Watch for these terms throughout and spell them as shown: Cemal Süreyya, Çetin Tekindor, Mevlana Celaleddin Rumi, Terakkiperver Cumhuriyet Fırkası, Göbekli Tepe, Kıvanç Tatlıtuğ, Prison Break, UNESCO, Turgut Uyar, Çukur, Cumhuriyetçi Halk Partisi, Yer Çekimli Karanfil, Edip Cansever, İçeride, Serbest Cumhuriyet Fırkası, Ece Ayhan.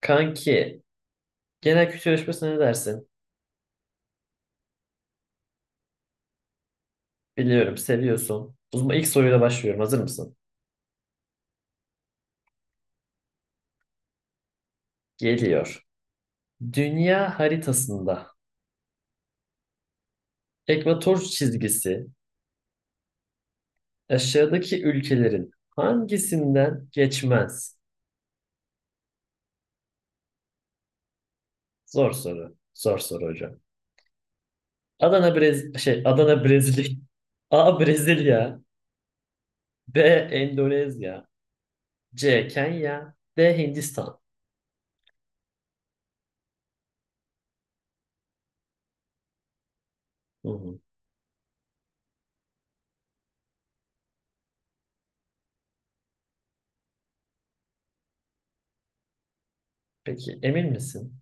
Kanki, genel kültür yarışmasına ne dersin? Biliyorum, seviyorsun. O zaman ilk soruyla başlıyorum. Hazır mısın? Geliyor. Dünya haritasında ekvator çizgisi aşağıdaki ülkelerin hangisinden geçmez? Zor soru. Zor soru hocam. Adana Brezilya. A Brezilya, B Endonezya, C Kenya, D Hindistan. Hı hı. Peki emin misin?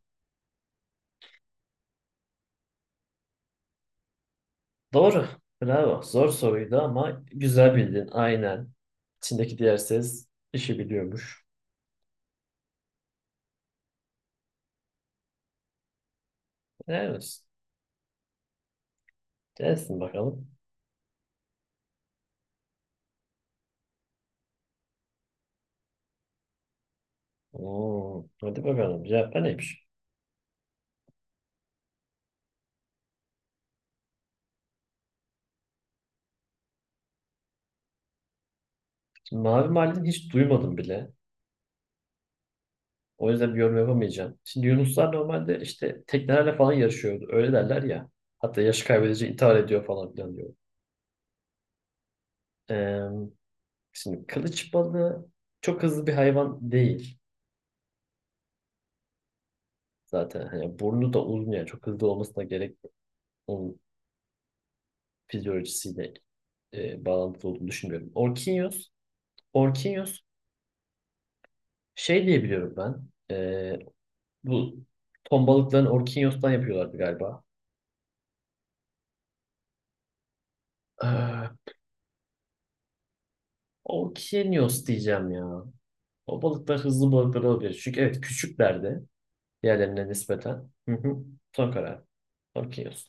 Doğru. Bravo. Zor soruydu ama güzel bildin. Aynen. İçindeki diğer ses işi biliyormuş. Evet. Gelsin bakalım. Oo, hadi bakalım. Cevap neymiş? Şimdi mavi marlin hiç duymadım bile. O yüzden bir yorum yapamayacağım. Şimdi yunuslar normalde işte teknelerle falan yarışıyordu. Öyle derler ya. Hatta yaşı kaybedince intihar ediyor falan filan diyor. Ee, şimdi kılıç balığı çok hızlı bir hayvan değil zaten. Hani burnu da uzun yani çok hızlı olmasına gerek yok. Onun fizyolojisiyle bağlantılı olduğunu düşünmüyorum. Orkinyos şey diye biliyorum ben. E, bu ton balıklarını Orkinyos'tan yapıyorlardı galiba. Ee, Orkinyos diyeceğim ya. O balıklar hızlı balıklar olabilir. Çünkü evet küçüklerdi diğerlerine nispeten. Hı hı. Son karar. Orkinyos.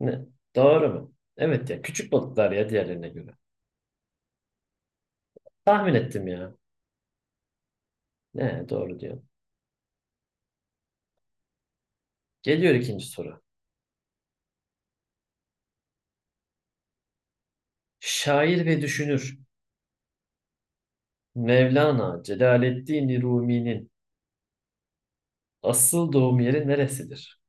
Ne? Doğru mu? Evet ya küçük balıklar ya diğerlerine göre. Tahmin ettim ya. Ne doğru diyor. Geliyor ikinci soru. Şair ve düşünür. Mevlana Celaleddin Rumi'nin asıl doğum yeri neresidir?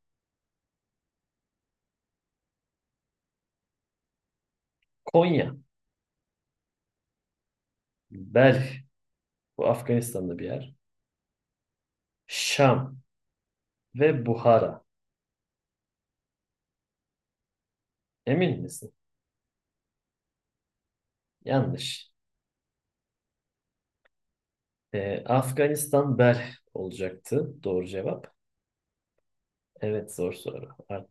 Konya, Belh, bu Afganistan'da bir yer. Şam ve Buhara. Emin misin? Yanlış. Afganistan Belh olacaktı. Doğru cevap. Evet zor soru. Ar-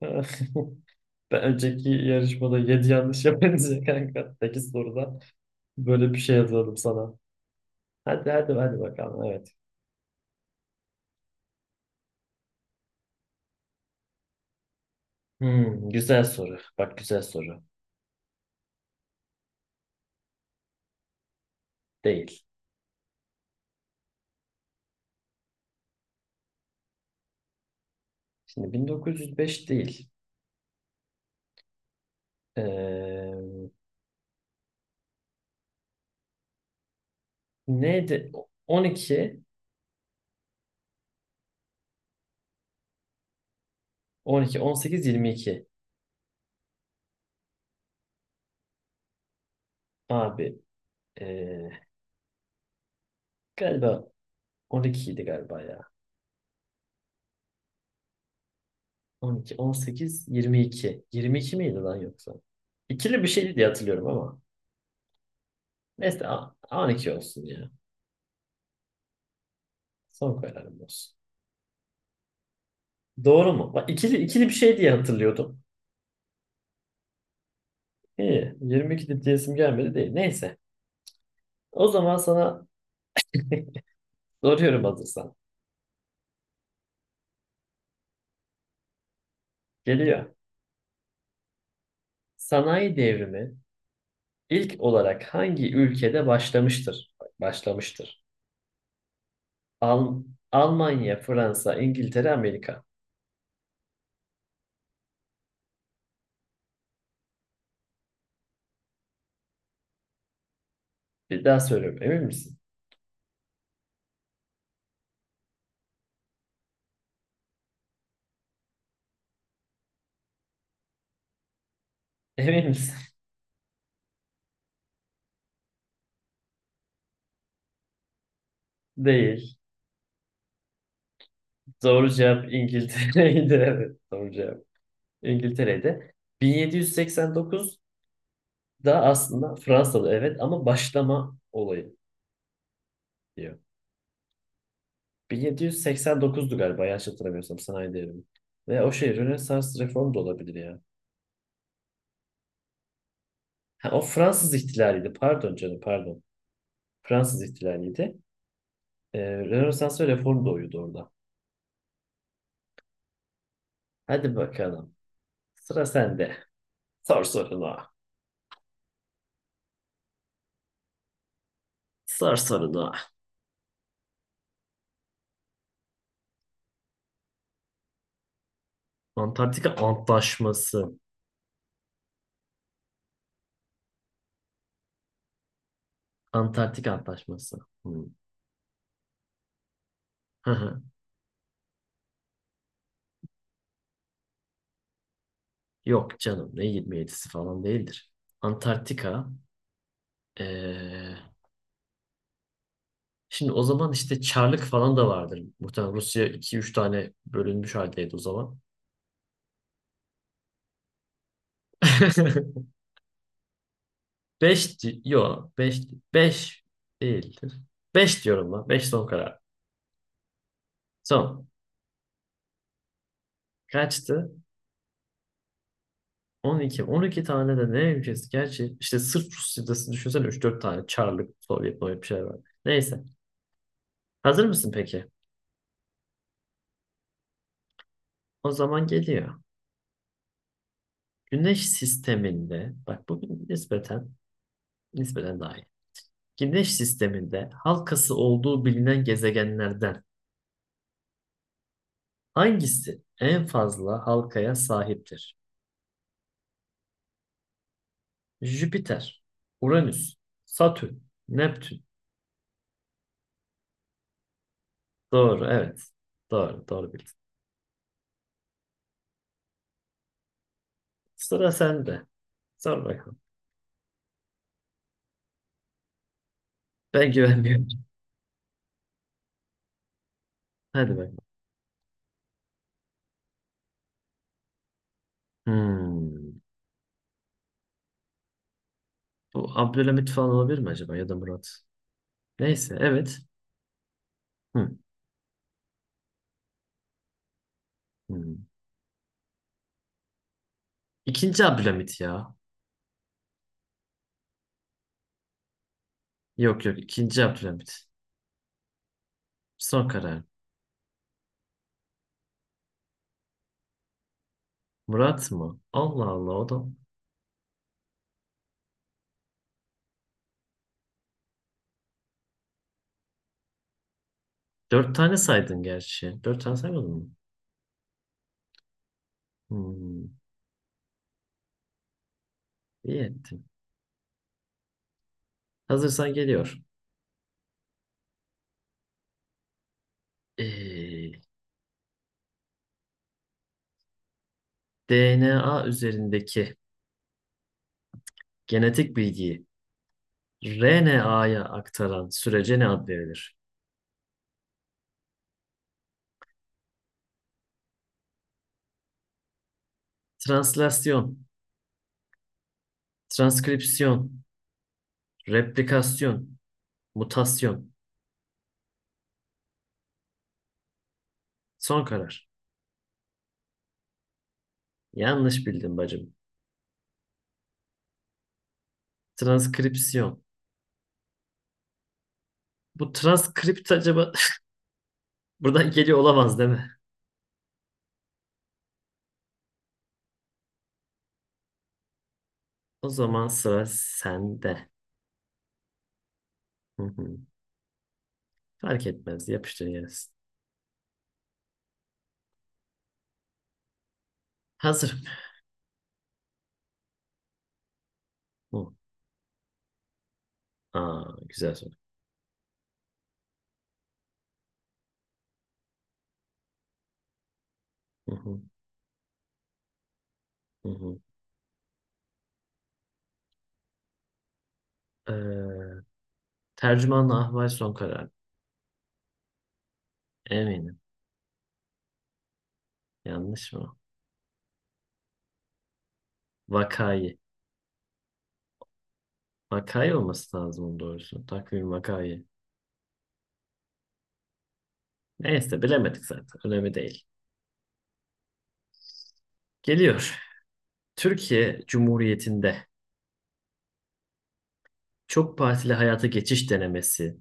Ben önceki yarışmada 7 yanlış yapınca kanka 8 soruda böyle bir şey yazalım sana. Hadi hadi hadi bakalım evet. Hmm, güzel soru. Bak güzel soru. Değil. Şimdi 1905 değil. Ee, neydi? 12, 12, 18, 22. Abi ee, galiba 12 idi galiba ya. 12, 18, 22. 22 miydi lan yoksa? İkili bir şeydi diye hatırlıyorum ama. Neyse a- 12 olsun ya. Son kararım olsun. Doğru mu? Bak ikili, ikili bir şey diye hatırlıyordum. İyi. 22 de diyesim gelmedi değil. Neyse. O zaman sana soruyorum hazırsan. Geliyor. Sanayi devrimi İlk olarak hangi ülkede başlamıştır? Bak, başlamıştır. Al Almanya, Fransa, İngiltere, Amerika. Bir daha söylüyorum. Emin misin? Emin misin? Değil. Doğru cevap İngiltere'ydi. Evet, doğru cevap İngiltere'ydi. 1789'da aslında Fransa'da evet ama başlama olayı diyor. 1789'du galiba yanlış hatırlamıyorsam sanayi devrimi. Ve o şey Rönesans reformu da olabilir ya. Ha, o Fransız ihtilaliydi. Pardon canım pardon. Fransız ihtilaliydi. Ee, Rönesans ve reform doğuyordu orada. Hadi bakalım. Sıra sende. Sor sorunu. Sor sorunu. Antarktika Antlaşması. Antarktika Antlaşması. Hmm. Hı hı. Yok canım ne 27'si falan değildir. Antarktika. ee, şimdi o zaman işte Çarlık falan da vardır. Muhtemelen Rusya iki üç tane bölünmüş haldeydi o zaman. 5 yok 5 5 değildir. 5 diyorum lan. 5 son karar. Son. Kaçtı? 12, 12 tane de ne ülkesi? Gerçi işte sırf Rusya'dası düşünsene üç dört tane Çarlık, Sovyet, Sovyet bir şeyler var. Neyse. Hazır mısın peki? O zaman geliyor. Güneş sisteminde, bak bu nispeten, nispeten daha iyi. Güneş sisteminde halkası olduğu bilinen gezegenlerden hangisi en fazla halkaya sahiptir? Jüpiter, Uranüs, Satürn, Neptün. Doğru, evet. Doğru, doğru bildin. Sıra sende. Sor bakalım. Ben güvenmiyorum. Hadi bakalım. Hmm. Bu Abdülhamit falan olabilir mi acaba ya da Murat? Neyse evet. Hı. Hmm. İkinci Abdülhamit ya. Yok yok ikinci Abdülhamit. Son karar. Murat mı? Allah Allah o da. Dört tane saydın gerçi. Dört tane saymadın mı? Hmm. İyi ettin. Hazırsan geliyor. Ee, DNA üzerindeki genetik bilgiyi RNA'ya aktaran sürece ne ad verilir? Translasyon, transkripsiyon, replikasyon, mutasyon. Son karar. Yanlış bildim bacım. Transkripsiyon. Bu transkript acaba buradan geliyor olamaz değil mi? O zaman sıra sende. Hı hı. Fark etmez. Yapıştır gelsin. Hazırım. Hı. Aa, güzel soru. Hı hı. Hı hı. Ee, tercümanla ahval son karar. Eminim. Yanlış mı? Vakayı. Vakayı olması lazım onun doğrusu. Takvim vakayı. Neyse bilemedik zaten. Önemli değil. Geliyor. Türkiye Cumhuriyeti'nde çok partili hayata geçiş denemesi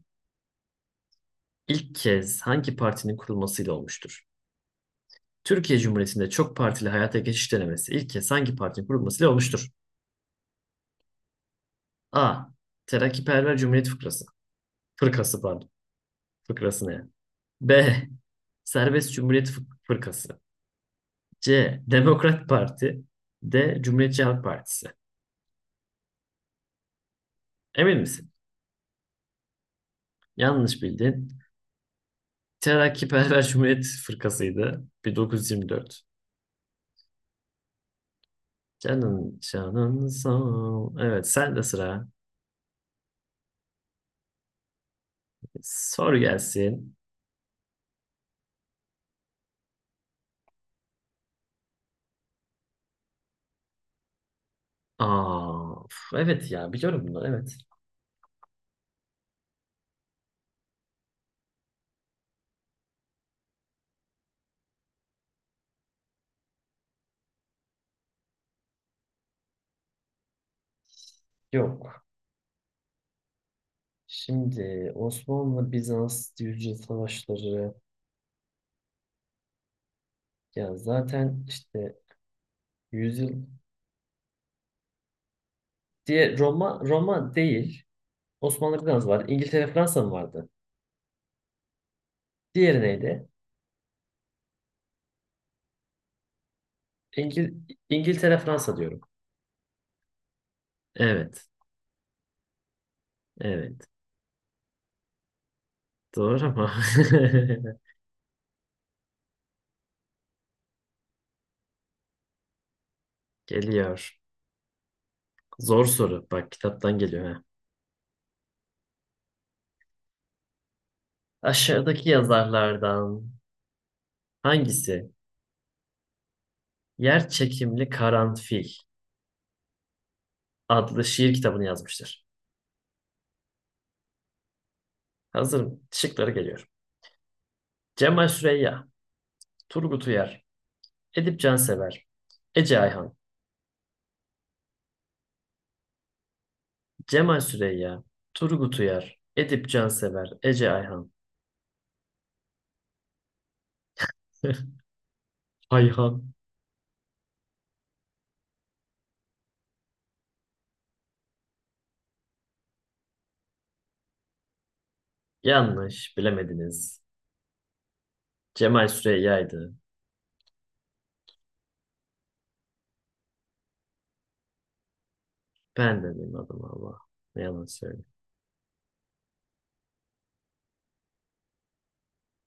ilk kez hangi partinin kurulmasıyla olmuştur? Türkiye Cumhuriyeti'nde çok partili hayata geçiş denemesi ilk kez hangi partinin kurulmasıyla olmuştur? A. Terakkiperver Cumhuriyet Fıkrası. Fırkası pardon. Fıkrası ne? B. Serbest Cumhuriyet Fırkası. C. Demokrat Parti. D. Cumhuriyetçi Halk Partisi. Emin misin? Yanlış bildin. Terakkiperver Cumhuriyet Fırkası'ydı. 1924. Canın canın sağ ol. Evet sen de sıra. Soru gelsin. Aa, uf, evet ya biliyorum bunu evet. Yok. Şimdi Osmanlı Bizans yüzyıl savaşları ya zaten işte yüzyıl diye Roma değil. Osmanlı Bizans var. İngiltere Fransa mı vardı? Diğeri neydi? İngil İngiltere Fransa diyorum. Evet. Evet. Doğru ama geliyor. Zor soru. Bak kitaptan geliyor ha. Aşağıdaki yazarlardan hangisi Yer Çekimli Karanfil adlı şiir kitabını yazmıştır? Hazırım. Şıkları geliyor. Cemal Süreyya, Turgut Uyar, Edip Cansever, Ece Ayhan. Cemal Süreyya, Turgut Uyar, Edip Cansever, Ece Ayhan. Ayhan. Yanlış, bilemediniz. Cemal Süreyya'ydı. Ben de benim Allah. Ne yalan söyleyeyim.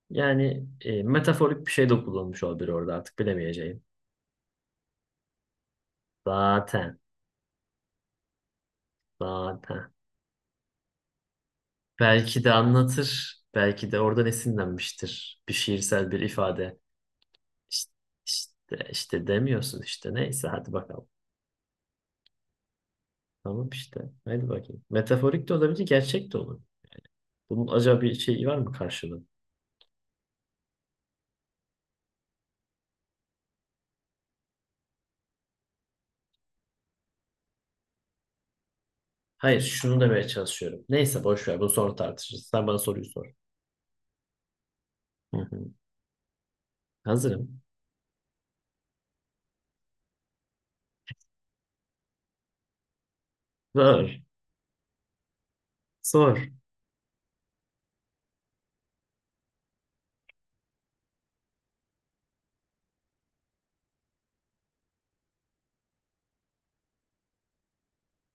Yani metaforik bir şey de kullanmış olabilir orada artık bilemeyeceğim. Zaten, zaten. Belki de anlatır. Belki de oradan esinlenmiştir. Bir şiirsel bir ifade. İşte, işte, işte demiyorsun işte. Neyse hadi bakalım. Tamam işte. Hadi bakayım. Metaforik de olabilir, gerçek de olur. Bunun acaba bir şeyi var mı karşılığı? Hayır, şunu demeye çalışıyorum. Neyse boş ver. Bunu sonra tartışırız. Sen bana soruyu sor. Hı hı. Hazırım. Sor. Sor.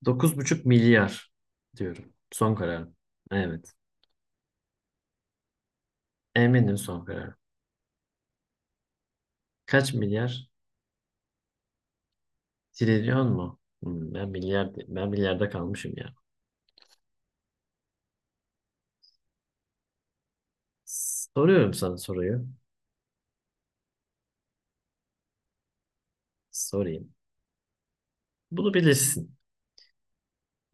9,5 milyar diyorum. Son kararım. Evet. Eminim son kararım. Kaç milyar? Trilyon mu? Hmm, ben milyarda kalmışım ya. Soruyorum sana soruyu. Sorayım. Bunu bilirsin.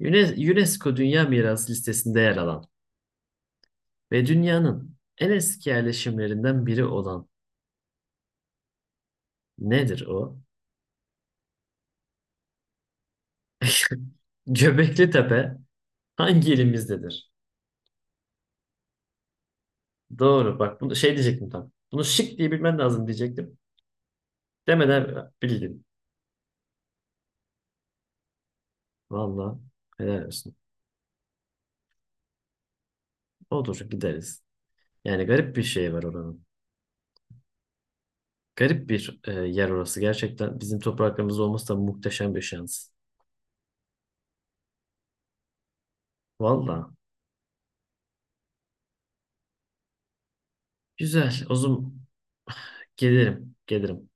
Yüne- UNESCO Dünya Mirası listesinde yer alan ve dünyanın en eski yerleşimlerinden biri olan nedir o? Göbekli Tepe hangi ilimizdedir? Doğru. Bak bunu şey diyecektim tam. Bunu şık diye bilmen lazım diyecektim. Demeden bildim. Vallahi helal olsun. Olur gideriz. Yani garip bir şey var oranın. Garip bir yer orası. Gerçekten bizim topraklarımızda olması da muhteşem bir şans. Valla. Güzel. O zaman gelirim. Gelirim.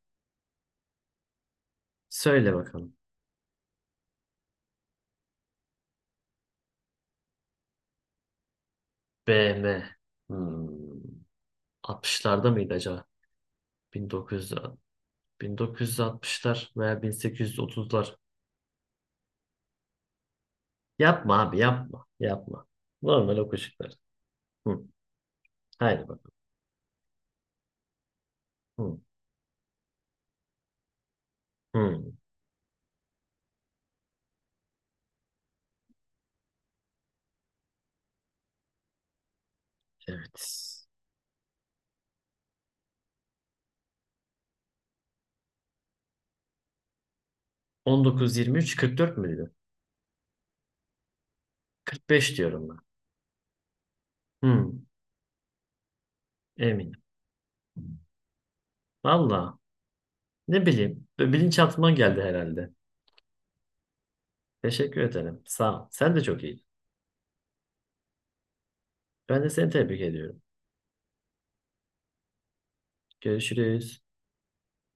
Söyle bakalım. BM. Hmm. 60'larda mıydı acaba? 1900, 1960'lar veya 1830'lar. Yapma abi yapma. Yapma. Normal okuyacaklar. Hı. Haydi bakalım. Hı. Hı. Evet. 19, 23, 44 müydü? 45 diyorum ben. Hı. Eminim. Valla. Ne bileyim. Böyle bilinçaltıma geldi herhalde. Teşekkür ederim. Sağ ol. Sen de çok iyiydin. Ben de seni tebrik ediyorum. Görüşürüz.